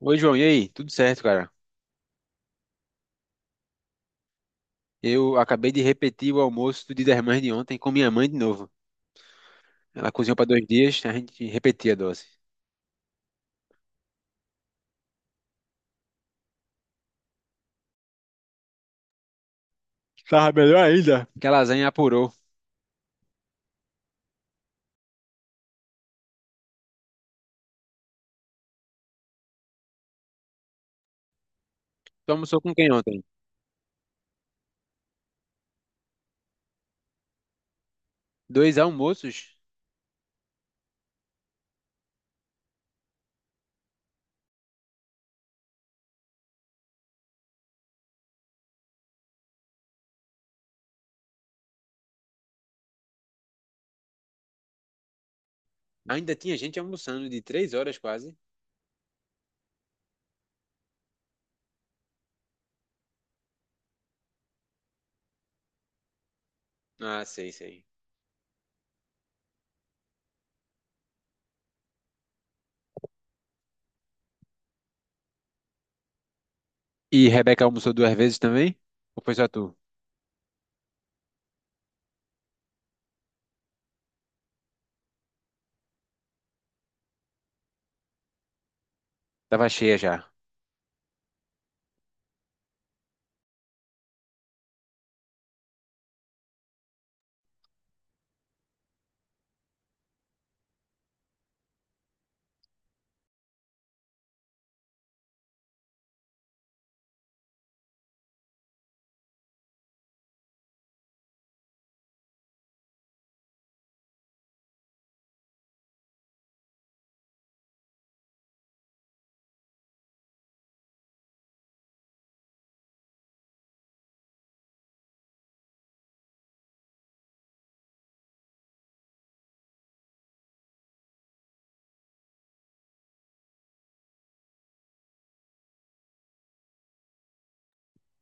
Oi, João, e aí? Tudo certo, cara? Eu acabei de repetir o almoço do Dia das Mães de ontem com minha mãe de novo. Ela cozinhou para dois dias, a gente repetia a dose. Tava melhor ainda. Que a lasanha apurou. Tu almoçou com quem ontem? Dois almoços? Ainda tinha gente almoçando de três horas quase. Ah, sei, sei. E Rebeca almoçou duas vezes também? Ou foi só tu? Tava cheia já.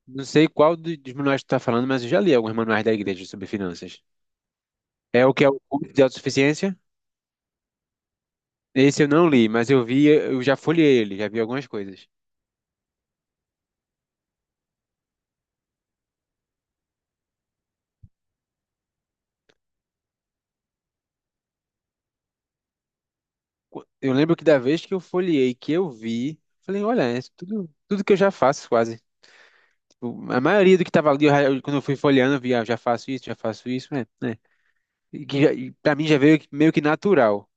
Não sei dos manuais que tu tá falando, mas eu já li alguns manuais da igreja sobre finanças. É o que é o culto de autossuficiência? Esse eu não li, mas eu vi, eu já folhei ele, já vi algumas coisas. Eu lembro que da vez que eu folhei, que eu vi, falei, olha, é tudo que eu já faço quase. Tipo, a maioria do que tava ali, quando eu fui folheando, eu vi, ah, já faço isso, é, né? E pra mim já veio meio que natural.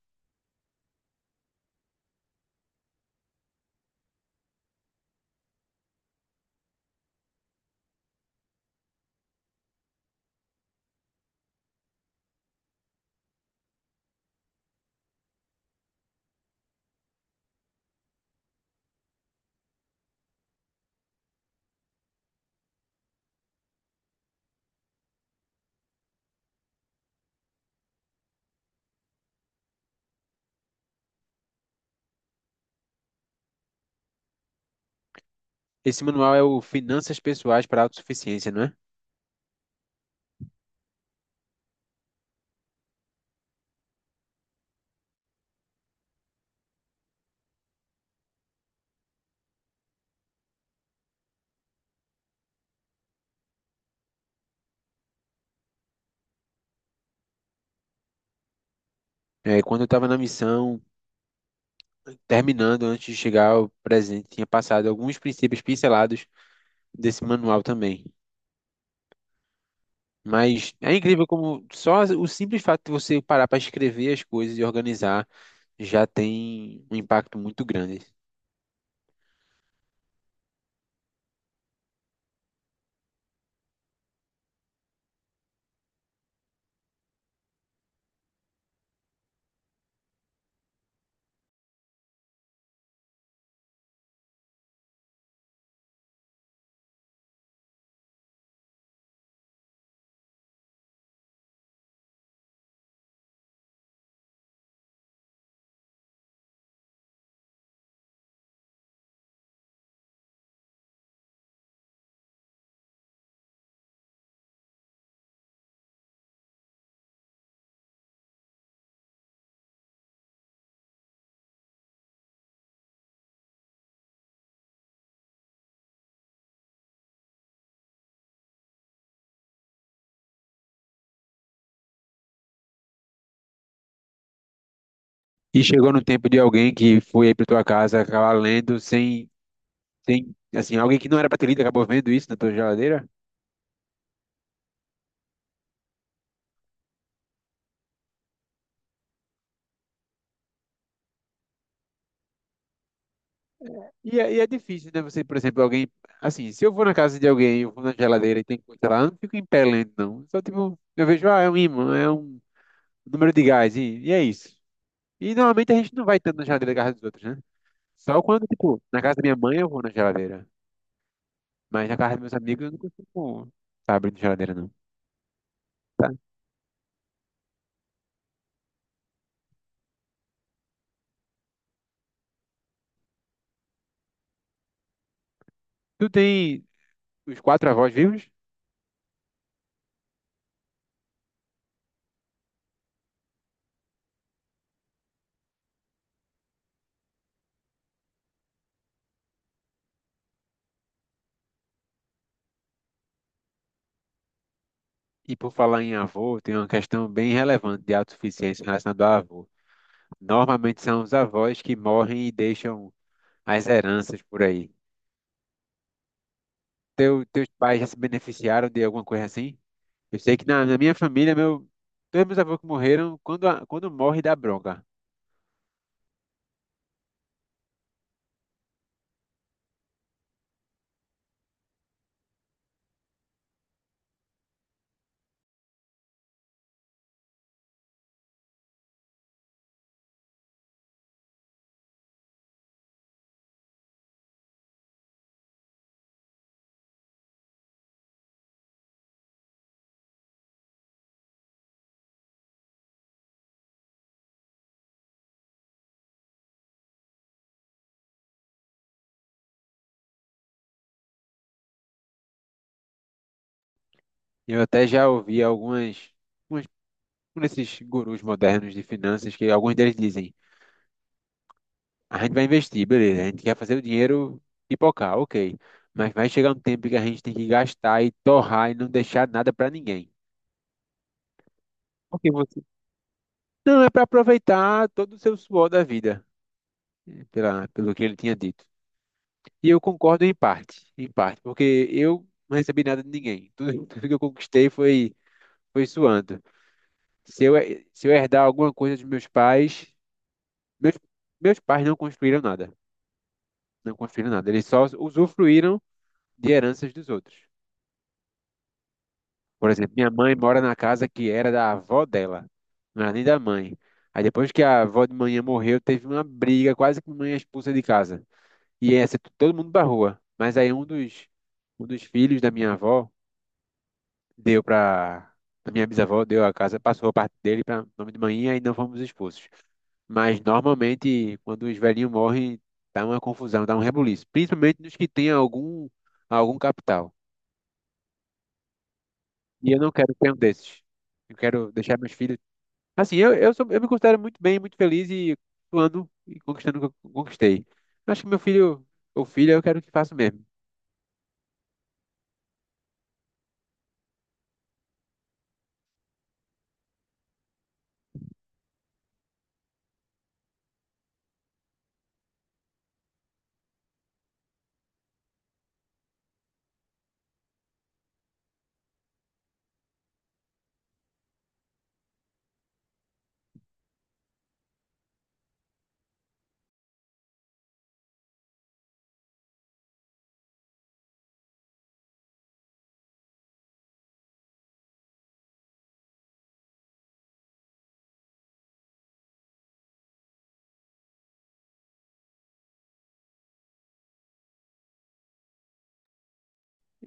Esse manual é o Finanças Pessoais para a Autossuficiência, não é? É, quando eu tava na missão, terminando antes de chegar ao presente, tinha passado alguns princípios pincelados desse manual também. Mas é incrível como só o simples fato de você parar para escrever as coisas e organizar já tem um impacto muito grande. E chegou no tempo de alguém que foi aí para tua casa acabar lendo sem, sem, assim, alguém que não era para ter lido acabou vendo isso na tua geladeira. E é difícil, né? Você, por exemplo, alguém, assim, se eu vou na casa de alguém, eu vou na geladeira e tem coisa lá, eu não fico em pé lendo, não. Só tipo, eu vejo, ah, é um ímã, é um número de gás, e é isso. E normalmente a gente não vai tanto na geladeira da casa dos outros, né? Só quando, tipo, na casa da minha mãe eu vou na geladeira. Mas na casa dos meus amigos eu não costumo tá abrindo geladeira, não. Tá? Tu tem os quatro avós vivos? E por falar em avô, tem uma questão bem relevante de autossuficiência relacionada ao avô. Normalmente são os avós que morrem e deixam as heranças por aí. Teus pais já se beneficiaram de alguma coisa assim? Eu sei que na minha família, meu, todos meus avós que morreram, quando morre dá bronca. Eu até já ouvi algumas. Umas nesses gurus modernos de finanças que alguns deles dizem, a gente vai investir, beleza, a gente quer fazer o dinheiro pipocar, ok. Mas vai chegar um tempo que a gente tem que gastar e torrar e não deixar nada para ninguém. Porque você não é para aproveitar todo o seu suor da vida, pelo que ele tinha dito. E eu concordo em parte, porque eu não recebi nada de ninguém. Tudo, tudo que eu conquistei foi suando. Se eu, se eu herdar alguma coisa dos meus pais, meus, meus pais não construíram nada. Não construíram nada. Eles só usufruíram de heranças dos outros. Por exemplo, minha mãe mora na casa que era da avó dela, não era nem da mãe. Aí depois que a avó de manhã morreu, teve uma briga, quase que mãe expulsa de casa. E essa, todo mundo pra rua. Mas aí um dos filhos da minha avó deu pra. A minha bisavó deu a casa, passou a parte dele para nome de manhã e não fomos expulsos. Mas normalmente, quando os velhinhos morrem, dá uma confusão, dá um rebuliço. Principalmente nos que têm algum capital. E eu não quero ter um desses. Eu quero deixar meus filhos. Assim, sou, eu me considero muito bem, muito feliz e ando e conquistando o que eu conquistei. Acho que meu filho ou filha eu quero que faça o mesmo.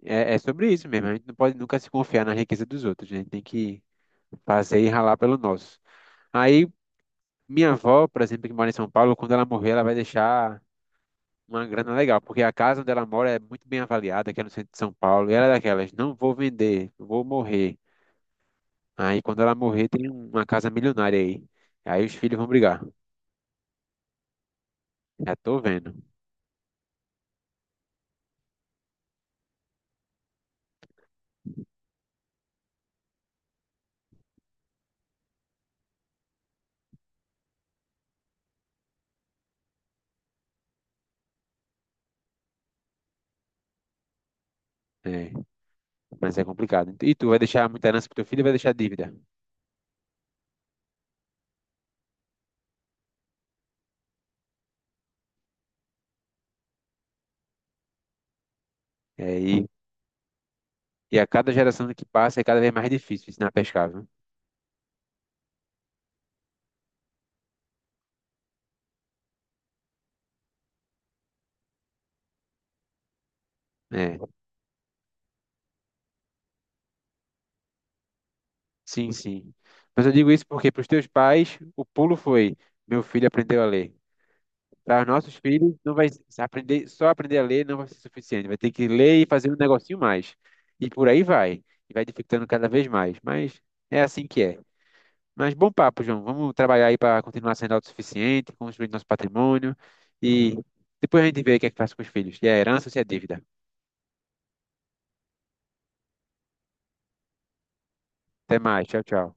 É, é sobre isso mesmo. A gente não pode nunca se confiar na riqueza dos outros, né? A gente tem que fazer e ralar pelo nosso. Aí, minha avó, por exemplo, que mora em São Paulo, quando ela morrer, ela vai deixar uma grana legal, porque a casa onde ela mora é muito bem avaliada, que é no centro de São Paulo. E ela é daquelas, não vou vender, vou morrer. Aí quando ela morrer, tem uma casa milionária aí. Aí os filhos vão brigar. Já tô vendo. É, mas é complicado. E tu vai deixar muita herança pro teu filho e vai deixar dívida. É, e, e a cada geração que passa é cada vez mais difícil ensinar a pescar, viu? É, sim, sim. Mas eu digo isso porque para os teus pais, o pulo foi, meu filho aprendeu a ler. Para os nossos filhos, não vai se aprender, só aprender a ler não vai ser suficiente. Vai ter que ler e fazer um negocinho mais. E por aí vai. E vai dificultando cada vez mais. Mas é assim que é. Mas bom papo, João. Vamos trabalhar aí para continuar sendo autossuficiente, construir nosso patrimônio e depois a gente vê o que é que faz com os filhos, se é herança ou se é dívida. Até mais. Tchau, tchau.